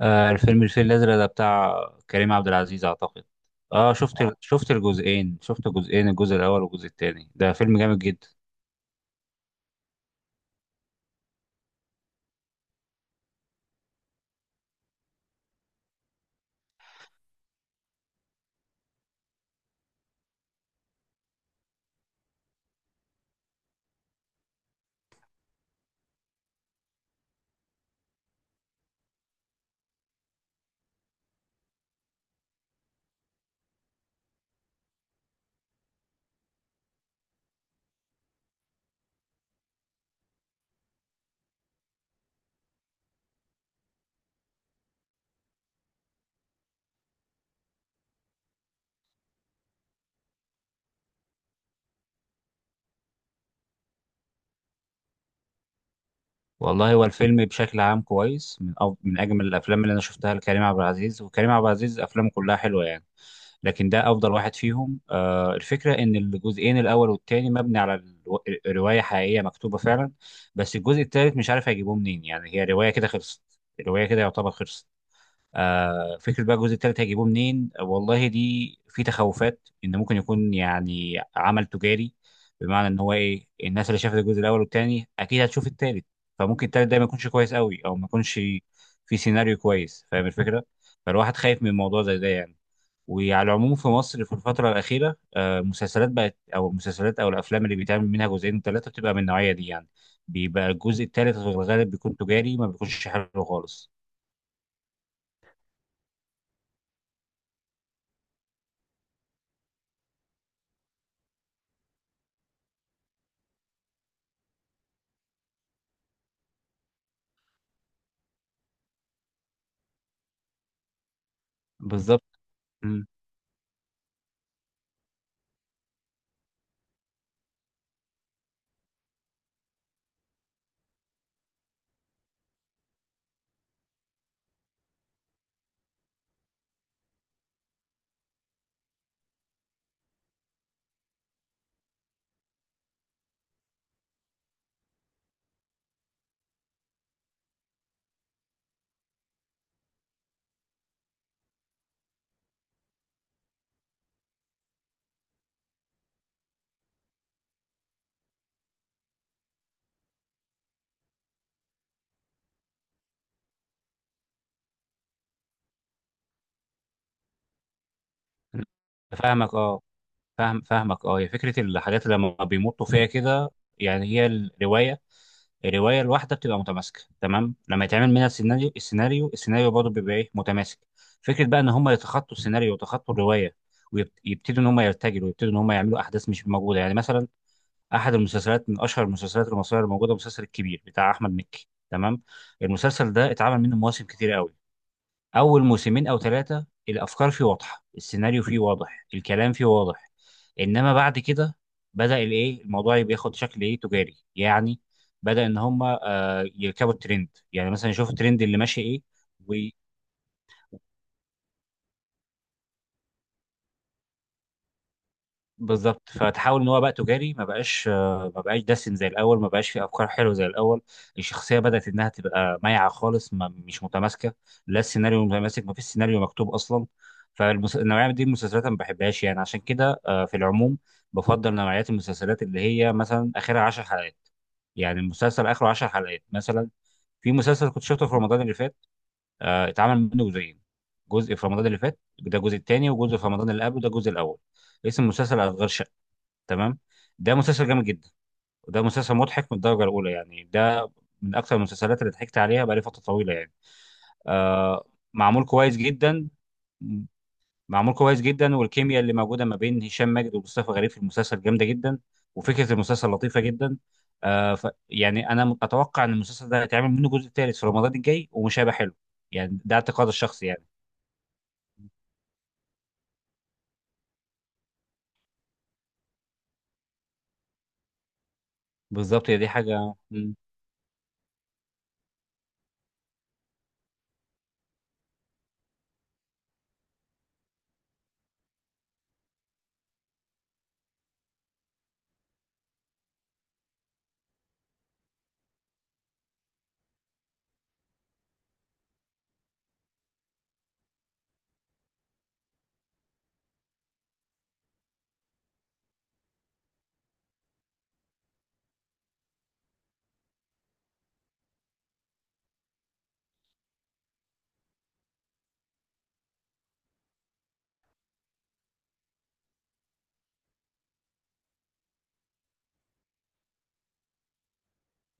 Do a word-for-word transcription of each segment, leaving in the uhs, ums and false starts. آه الفيلم الفيل الأزرق ده بتاع كريم عبد العزيز أعتقد. اه، شفت. آه. شفت الجزئين، شفت جزئين، الجزء الأول والجزء التاني. ده فيلم جامد جدا. والله، هو الفيلم بشكل عام كويس، من أف... من أجمل الأفلام اللي أنا شفتها لكريم عبد العزيز. وكريم عبد العزيز أفلامه كلها حلوة يعني. لكن ده أفضل واحد فيهم. آه الفكرة إن الجزئين الأول والتاني مبني على الو... رواية حقيقية مكتوبة فعلا. بس الجزء التالت مش عارف هيجيبوه منين، يعني هي رواية كده خلصت. الرواية كده يعتبر خلصت. آه، فكرة بقى الجزء التالت هيجيبوه منين؟ آه، والله دي في تخوفات ان ممكن يكون يعني عمل تجاري. بمعنى ان هو ايه، الناس اللي شافت الجزء الاول والتاني اكيد هتشوف التالت. فممكن التالت ده ما يكونش كويس قوي، او ما يكونش في سيناريو كويس، فاهم الفكرة. فالواحد خايف من موضوع زي ده يعني. وعلى العموم في مصر في الفترة الأخيرة، آه، المسلسلات بقت، أو المسلسلات أو الأفلام اللي بيتعمل منها جزئين وثلاثة بتبقى من النوعية دي يعني. بيبقى الجزء التالت في الغالب بيكون تجاري، ما بيكونش حلو خالص. بالظبط. فاهمك، اه. فاهم فاهمك، اه. هي فكره الحاجات اللي لما بيمطوا فيها كده. يعني هي الروايه الروايه الواحده بتبقى متماسكه تمام، لما يتعمل منها السيناريو، السيناريو السيناريو برضه بيبقى ايه، متماسك. فكره بقى ان هم يتخطوا السيناريو ويتخطوا الروايه، ويبتدوا ان هم يرتجلوا، ويبتدوا ان هم يعملوا احداث مش موجوده. يعني مثلا، احد المسلسلات من اشهر المسلسلات المصريه الموجوده، مسلسل الكبير بتاع احمد مكي، تمام. المسلسل ده اتعمل منه مواسم كتير قوي. اول موسمين او ثلاثه، الافكار فيه واضحه، السيناريو فيه واضح، الكلام فيه واضح. انما بعد كده بدا الايه، الموضوع بياخد شكل ايه، تجاري يعني. بدا ان هم آه يركبوا الترند، يعني مثلا يشوفوا الترند اللي ماشي ايه. بالظبط. فتحاول ان هو بقى تجاري، ما بقاش، آه، ما بقاش دسم زي الاول، ما بقاش فيه افكار حلوه زي الاول. الشخصيه بدات انها تبقى مايعه خالص، ما مش متماسكه، لا السيناريو متماسك، ما فيش سيناريو مكتوب اصلا. فالنوعيه دي من المسلسلات أنا ما بحبهاش يعني. عشان كده آه، في العموم بفضل نوعيات المسلسلات اللي هي مثلا اخرها 10 حلقات. يعني المسلسل اخره 10 حلقات مثلا. في مسلسل كنت شفته في رمضان اللي فات، آه، اتعمل منه جزئين. جزء في رمضان اللي فات، ده الجزء الثاني، وجزء في رمضان اللي قبله، ده الجزء الاول. اسم المسلسل أشغال شقة، تمام. ده مسلسل جامد جدا. وده مسلسل مضحك من الدرجه الاولى. يعني ده من اكثر المسلسلات اللي ضحكت عليها بقالي فتره طويله يعني. آه معمول كويس جدا. معمول كويس جدا، والكيمياء اللي موجوده ما بين هشام ماجد ومصطفى غريب في المسلسل جامده جدا. وفكره المسلسل لطيفه جدا. آه ف يعني انا اتوقع ان المسلسل ده هيتعمل منه جزء ثالث في رمضان الجاي، ومش هيبقى حلو. يعني ده اعتقاد الشخصي يعني. بالظبط، هي دي حاجه، مم.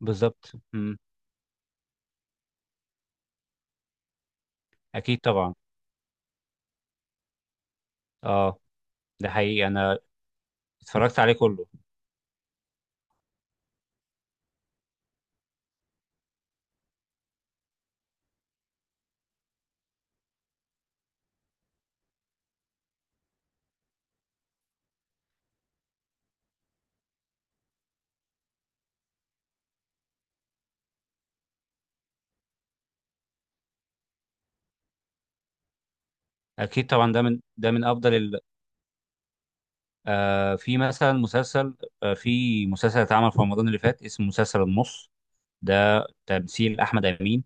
بالظبط، مم. اكيد طبعا. اه، ده حقيقي، انا اتفرجت عليه كله. اكيد طبعا. ده من ده من افضل ال... آه في مثلا مسلسل، آه في مسلسل اتعمل في رمضان اللي فات اسمه مسلسل النص. ده تمثيل احمد امين.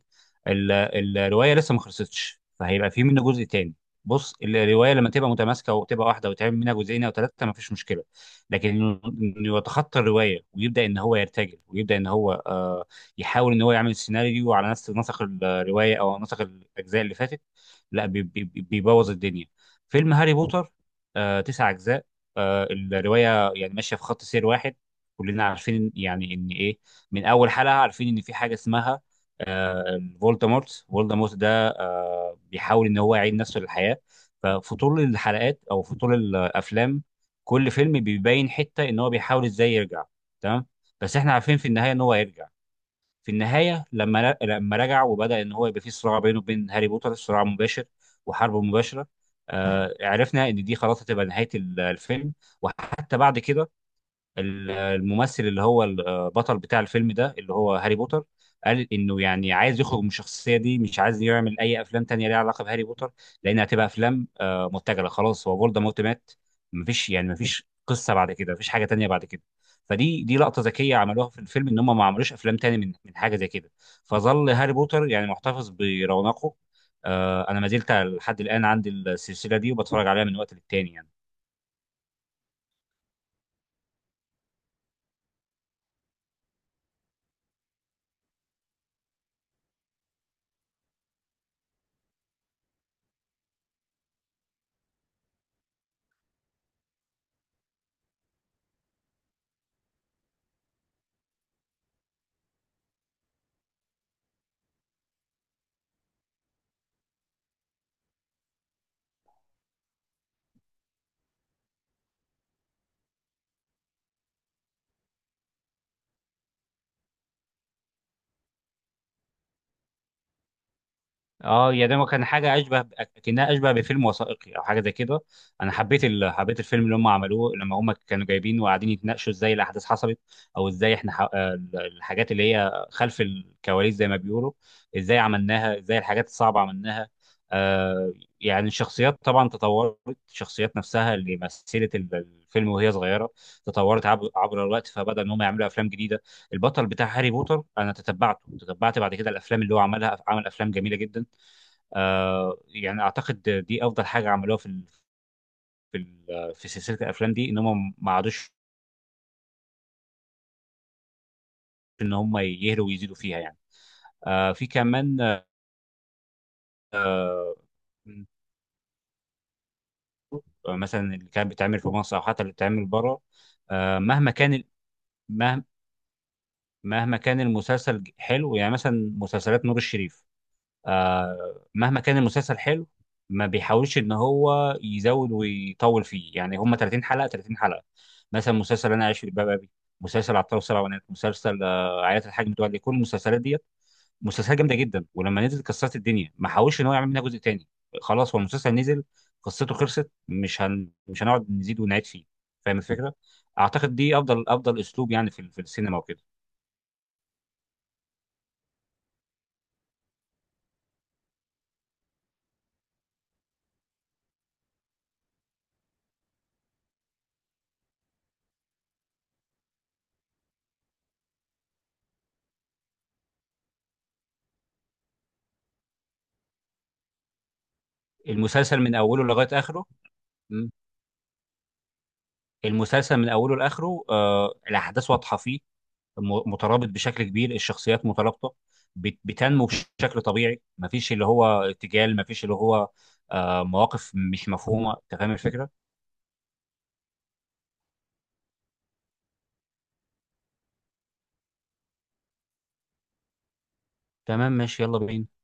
ال- ال- الروايه لسه ما خلصتش، فهيبقى في منه جزء تاني. بص، الروايه لما تبقى متماسكه وتبقى واحده وتعمل منها جزئين او ثلاثه، ما فيش مشكله. لكن انه إنه يتخطى الروايه، ويبدا ان هو يرتجل، ويبدا ان هو آه يحاول ان هو يعمل سيناريو على نفس نسق الروايه او نسق الاجزاء اللي فاتت، لا، بي- بي- بي- بيبوظ الدنيا. فيلم هاري بوتر، آه تسع اجزاء. آه الروايه يعني ماشيه في خط سير واحد. كلنا عارفين يعني ان ايه، من اول حلقه عارفين ان في حاجه اسمها آه فولدمورت. فولدمورت ده آه، بيحاول ان هو يعيد نفسه للحياه. ففي طول الحلقات او في طول الافلام، كل فيلم بيبين حته ان هو بيحاول ازاي يرجع، تمام. بس احنا عارفين في النهايه ان هو هيرجع. في النهايه، لما لما رجع وبدا ان هو يبقى في صراع بينه وبين هاري بوتر، صراع مباشر وحرب مباشره. آه، عرفنا ان دي خلاص هتبقى نهايه ال- الفيلم. وحتى بعد كده، ال- الممثل اللي هو البطل بتاع الفيلم ده، اللي هو هاري بوتر، قال انه يعني عايز يخرج من الشخصيه دي، مش عايز يعمل اي افلام تانية ليها علاقه بهاري بوتر، لان هتبقى افلام آه، متجله. خلاص هو فولدمورت مات. مفيش يعني، مفيش قصه بعد كده، مفيش حاجه تانية بعد كده. فدي دي لقطه ذكيه عملوها في الفيلم، ان هم ما عملوش افلام تاني من من حاجه زي كده. فظل هاري بوتر يعني محتفظ برونقه. آه، انا ما زلت لحد الان عندي السلسله دي، وبتفرج عليها من وقت للتاني يعني. اه يا، ده كان حاجه اشبه، كانها اشبه بفيلم وثائقي او حاجه زي كده. انا حبيت ال... حبيت الفيلم اللي هم عملوه لما هم كانوا جايبين وقاعدين يتناقشوا ازاي الاحداث حصلت، او ازاي احنا ح... آه، الحاجات اللي هي خلف الكواليس زي ما بيقولوا، ازاي عملناها، ازاي الحاجات الصعبه عملناها. آه يعني الشخصيات طبعا تطورت. الشخصيات نفسها اللي مثلت ال- الفيلم وهي صغيره تطورت عبر, عبر الوقت. فبدا ان هم يعملوا افلام جديده. البطل بتاع هاري بوتر انا تتبعته تتبعت بعد كده الافلام اللي هو عملها، عمل افلام جميله جدا. آه يعني اعتقد دي افضل حاجه عملوها في ال- في ال- في سلسله الافلام دي، ان هم ما عادوش ان هم يهلوا ويزيدوا فيها يعني. آه في كمان. آه مثلا اللي كان بيتعمل في مصر او حتى اللي بيتعمل بره، آه مهما كان ال- مه- مهما كان المسلسل حلو، يعني مثلا مسلسلات نور الشريف. آه، مهما كان المسلسل حلو، ما بيحاولش ان هو يزود ويطول فيه. يعني هم 30 حلقه، 30 حلقه. مثلا مسلسل انا عايش في جلباب ابي، مسلسل عطار وسبع بنات، مسلسل آه، عائله الحاج متولي، كل المسلسلات ديت. مسلسلات جامده جدا ولما نزلت كسرت الدنيا، ما حاولش ان هو يعمل منها جزء تاني. خلاص هو المسلسل نزل، قصته خلصت، مش هن... مش هنقعد نزيد ونعيد فيه، فاهم الفكره. اعتقد دي افضل افضل اسلوب يعني في في السينما وكده. المسلسل من اوله لغايه اخره. المسلسل من اوله لاخره آه الاحداث واضحه فيه، م- مترابط بشكل كبير، الشخصيات مترابطه، بت- بتنمو بشكل طبيعي. مفيش اللي هو ارتجال، مفيش اللي هو آه مواقف مش مفهومه، انت فاهم الفكره. تمام، ماشي، يلا بينا.